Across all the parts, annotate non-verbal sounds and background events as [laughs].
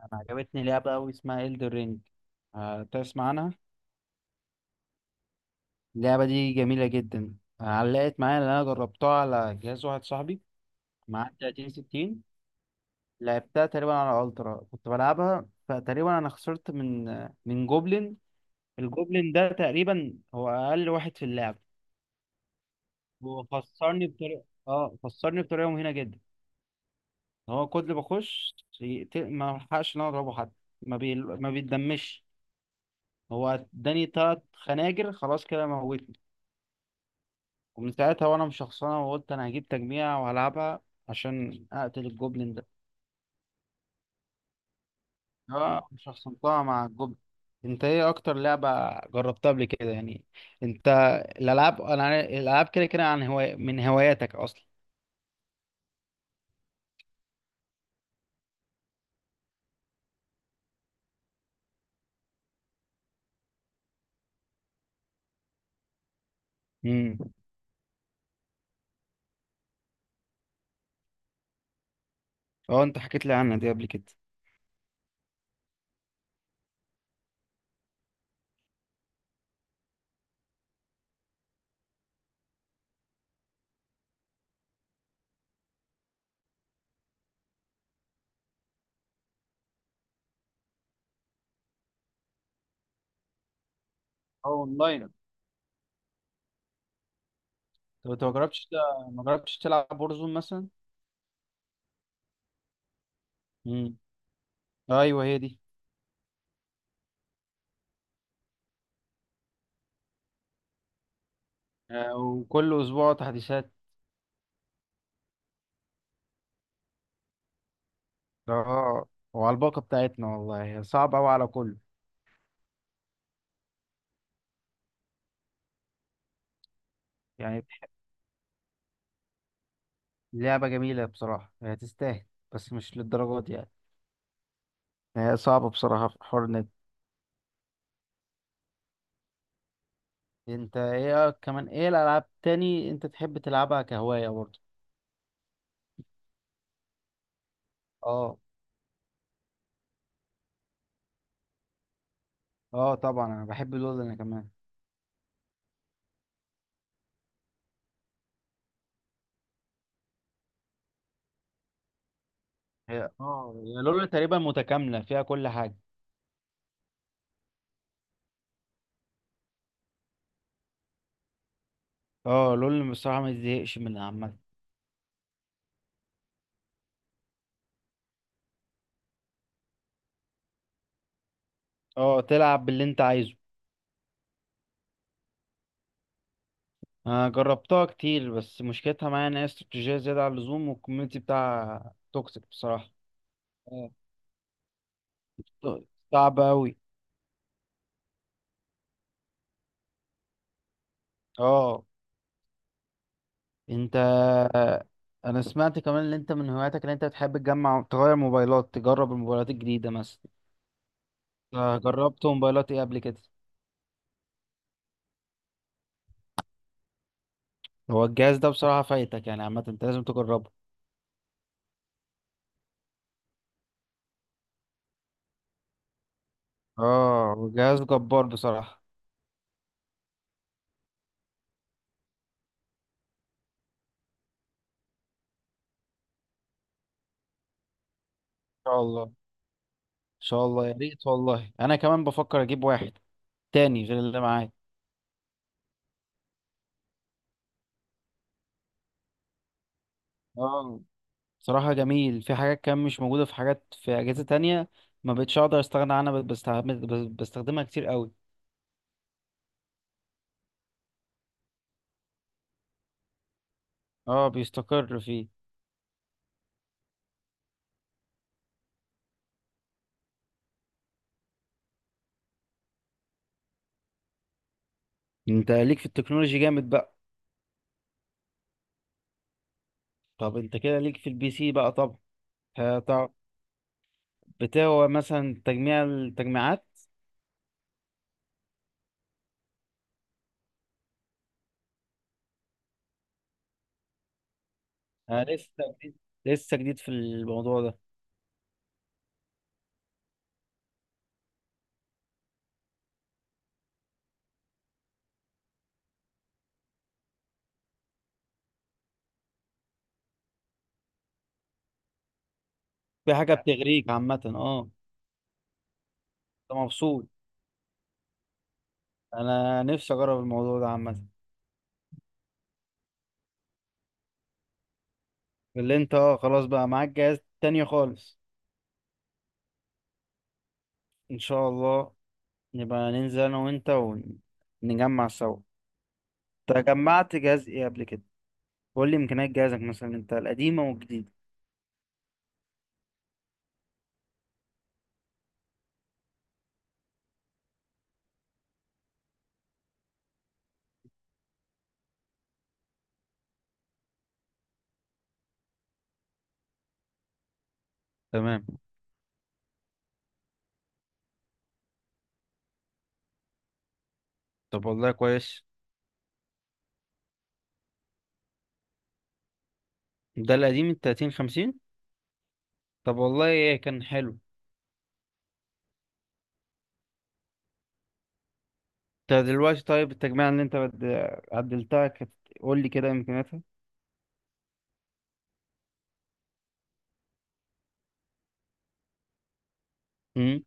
انا عجبتني لعبة أوي اسمها إلدر رينج. تسمع عنها؟ اللعبة دي جميلة جدا. علقت معايا لأن أنا جربتها على جهاز واحد صاحبي معاه 30 60. لعبتها تقريبا على ألترا كنت بلعبها فتقريبا أنا خسرت من جوبلين. الجوبلين ده تقريبا هو أقل واحد في اللعبة. هو خسرني بطريقة مهينة جدا. هو كل ما بخش ما بلحقش إن أنا أضربه حتى. ما بيتدمش. هو اداني تلات خناجر خلاص كده موت. ومن ساعتها وانا مشخصنها وقلت انا هجيب تجميع وهلعبها عشان اقتل الجوبلين ده. اه، شخصنتها مع الجوبلين. انت ايه اكتر لعبة جربتها قبل كده يعني؟ انت؟ الالعاب كده كده عن هواية من هواياتك اصلا. امم. اه، انت حكيت لي عنها دي قبل كده. اه، اونلاين. طب انت ما جربتش تلعب بورزون مثلا؟ امم. ايوه هي دي. وكل اسبوع تحديثات. اه، وعلى الباقة بتاعتنا والله صعب قوي على كله. يعني لعبة جميلة بصراحة هي تستاهل. بس مش للدرجة دي يعني. هي صعبة بصراحة في حوار النت. انت ايه كمان ايه الألعاب تاني انت تحب تلعبها كهواية برضه؟ اه. اه، طبعا انا بحب لول انا كمان. هي لول تقريبا متكاملة فيها كل حاجة. اه، لول بصراحة ما تزهقش منها عامة. اه، تلعب باللي انت عايزه. انا جربتها كتير بس مشكلتها معايا ان هي استراتيجية زيادة عن اللزوم والكوميونتي بتاعها توكسيك بصراحة. اه، صعب أوي. اه، انت. انا سمعت كمان ان انت من هواياتك ان انت بتحب تجمع تغير موبايلات تجرب الموبايلات الجديده مثلا. جربت موبايلات ايه قبل كده؟ هو الجهاز ده بصراحه فايتك يعني عامه انت لازم تجربه. اه، هو جهاز جبار بصراحه. ان شاء الله. ان شاء الله يا ريت والله انا كمان بفكر اجيب واحد تاني غير اللي معايا. اه، بصراحه جميل في حاجات كان مش موجوده في حاجات في اجهزه تانية. ما بقتش اقدر استغنى عنها بقيت بستخدمها كتير قوي. اه، بيستقر فيه. انت ليك في التكنولوجي جامد بقى. طب انت كده ليك في البي سي بقى طب. هتع- بتاع مثلا تجميع التجميعات. انا لسه جديد لسه جديد في الموضوع ده. في حاجه بتغريك عامه اه. انت مبسوط. انا نفسي اجرب الموضوع ده عامه. اللي انت اه خلاص بقى معاك جهاز تاني خالص. ان شاء الله نبقى ننزل انا وانت ونجمع سوا. انت جمعت جهاز ايه قبل كده؟ قول لي امكانيات جهازك مثلا انت القديمه والجديده. تمام. طب والله كويس. ده القديم ال 30 50. طب والله كان حلو. انت دلوقتي طيب التجميع اللي انت عدلتها كانت. قول لي كده امكانياتها. امم.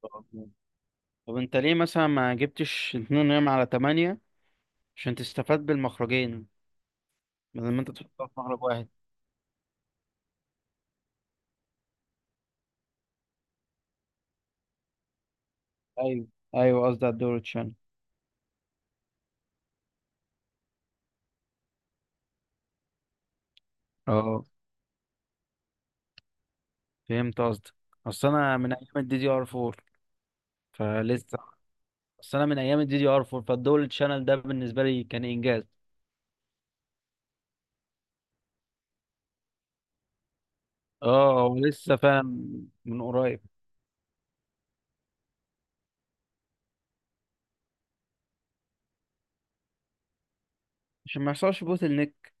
طب طب انت ليه مثلا ما جبتش 2 على 8 عشان تستفاد بالمخرجين بدل ما انت تحطها في مخرج واحد؟ ايوه. ايوه قصدي على الدور تشان. اه، فهمت قصدك. اصل انا من ايام الدي دي ار 4 فلسه. اصل انا من ايام الدي دي ار 4 فالدول تشانل ده بالنسبه لي كان انجاز. اه، ولسه فاهم من قريب. عشان ما يحصلش بوتل نيك.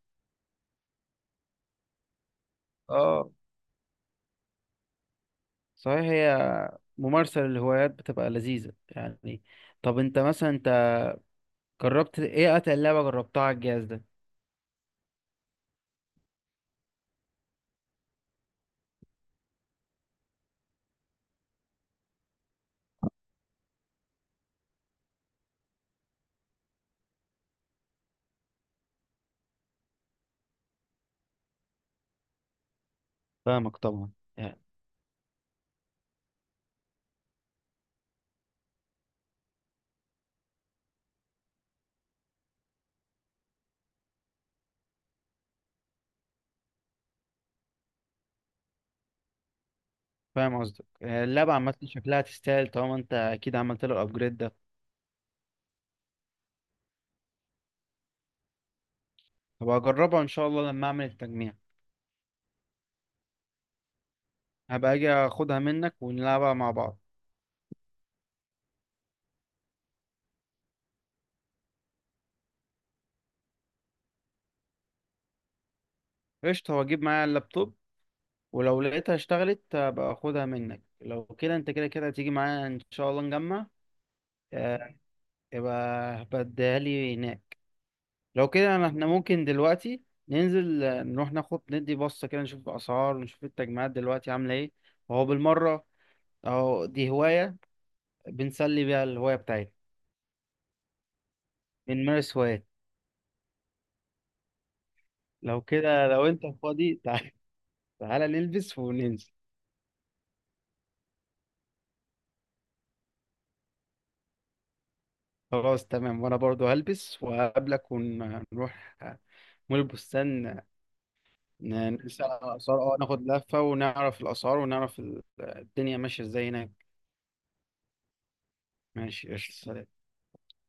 اه، صحيح هي ممارسة للهوايات بتبقى لذيذة يعني. طب انت مثلا جربت ايه اتقل لعبة جربتها على الجهاز ده؟ فاهمك طبعا. يعني فاهم قصدك يعني اللعبة عامة شكلها تستاهل طالما انت اكيد عملت له الابجريد ده. هبقى اجربها ان شاء الله لما اعمل التجميع. هبقى اجي اخدها منك ونلعبها مع بعض. قشطة واجيب معايا اللابتوب. ولو لقيتها اشتغلت هبقى اخدها منك لو كده انت كده كده هتيجي معايا ان شاء الله نجمع. اه، يبقى هبقى اديها لي هناك. لو كده احنا ممكن دلوقتي ننزل. نروح ناخد ندي بصة كده نشوف الأسعار ونشوف التجمعات دلوقتي عاملة ايه وهو بالمرة. أهو دي هواية بنسلي بيها الهواية بتاعتنا. بنمارس هوايات. لو كده لو انت فاضي [laughs] تعال. تعالى نلبس وننزل. خلاص تمام وانا برضو هلبس وهقابلك ونروح مول البستان. نسأل على الأسعار اه ناخد لفة ونعرف الأسعار ونعرف الدنيا ماشية ازاي هناك. ماشي قشطة.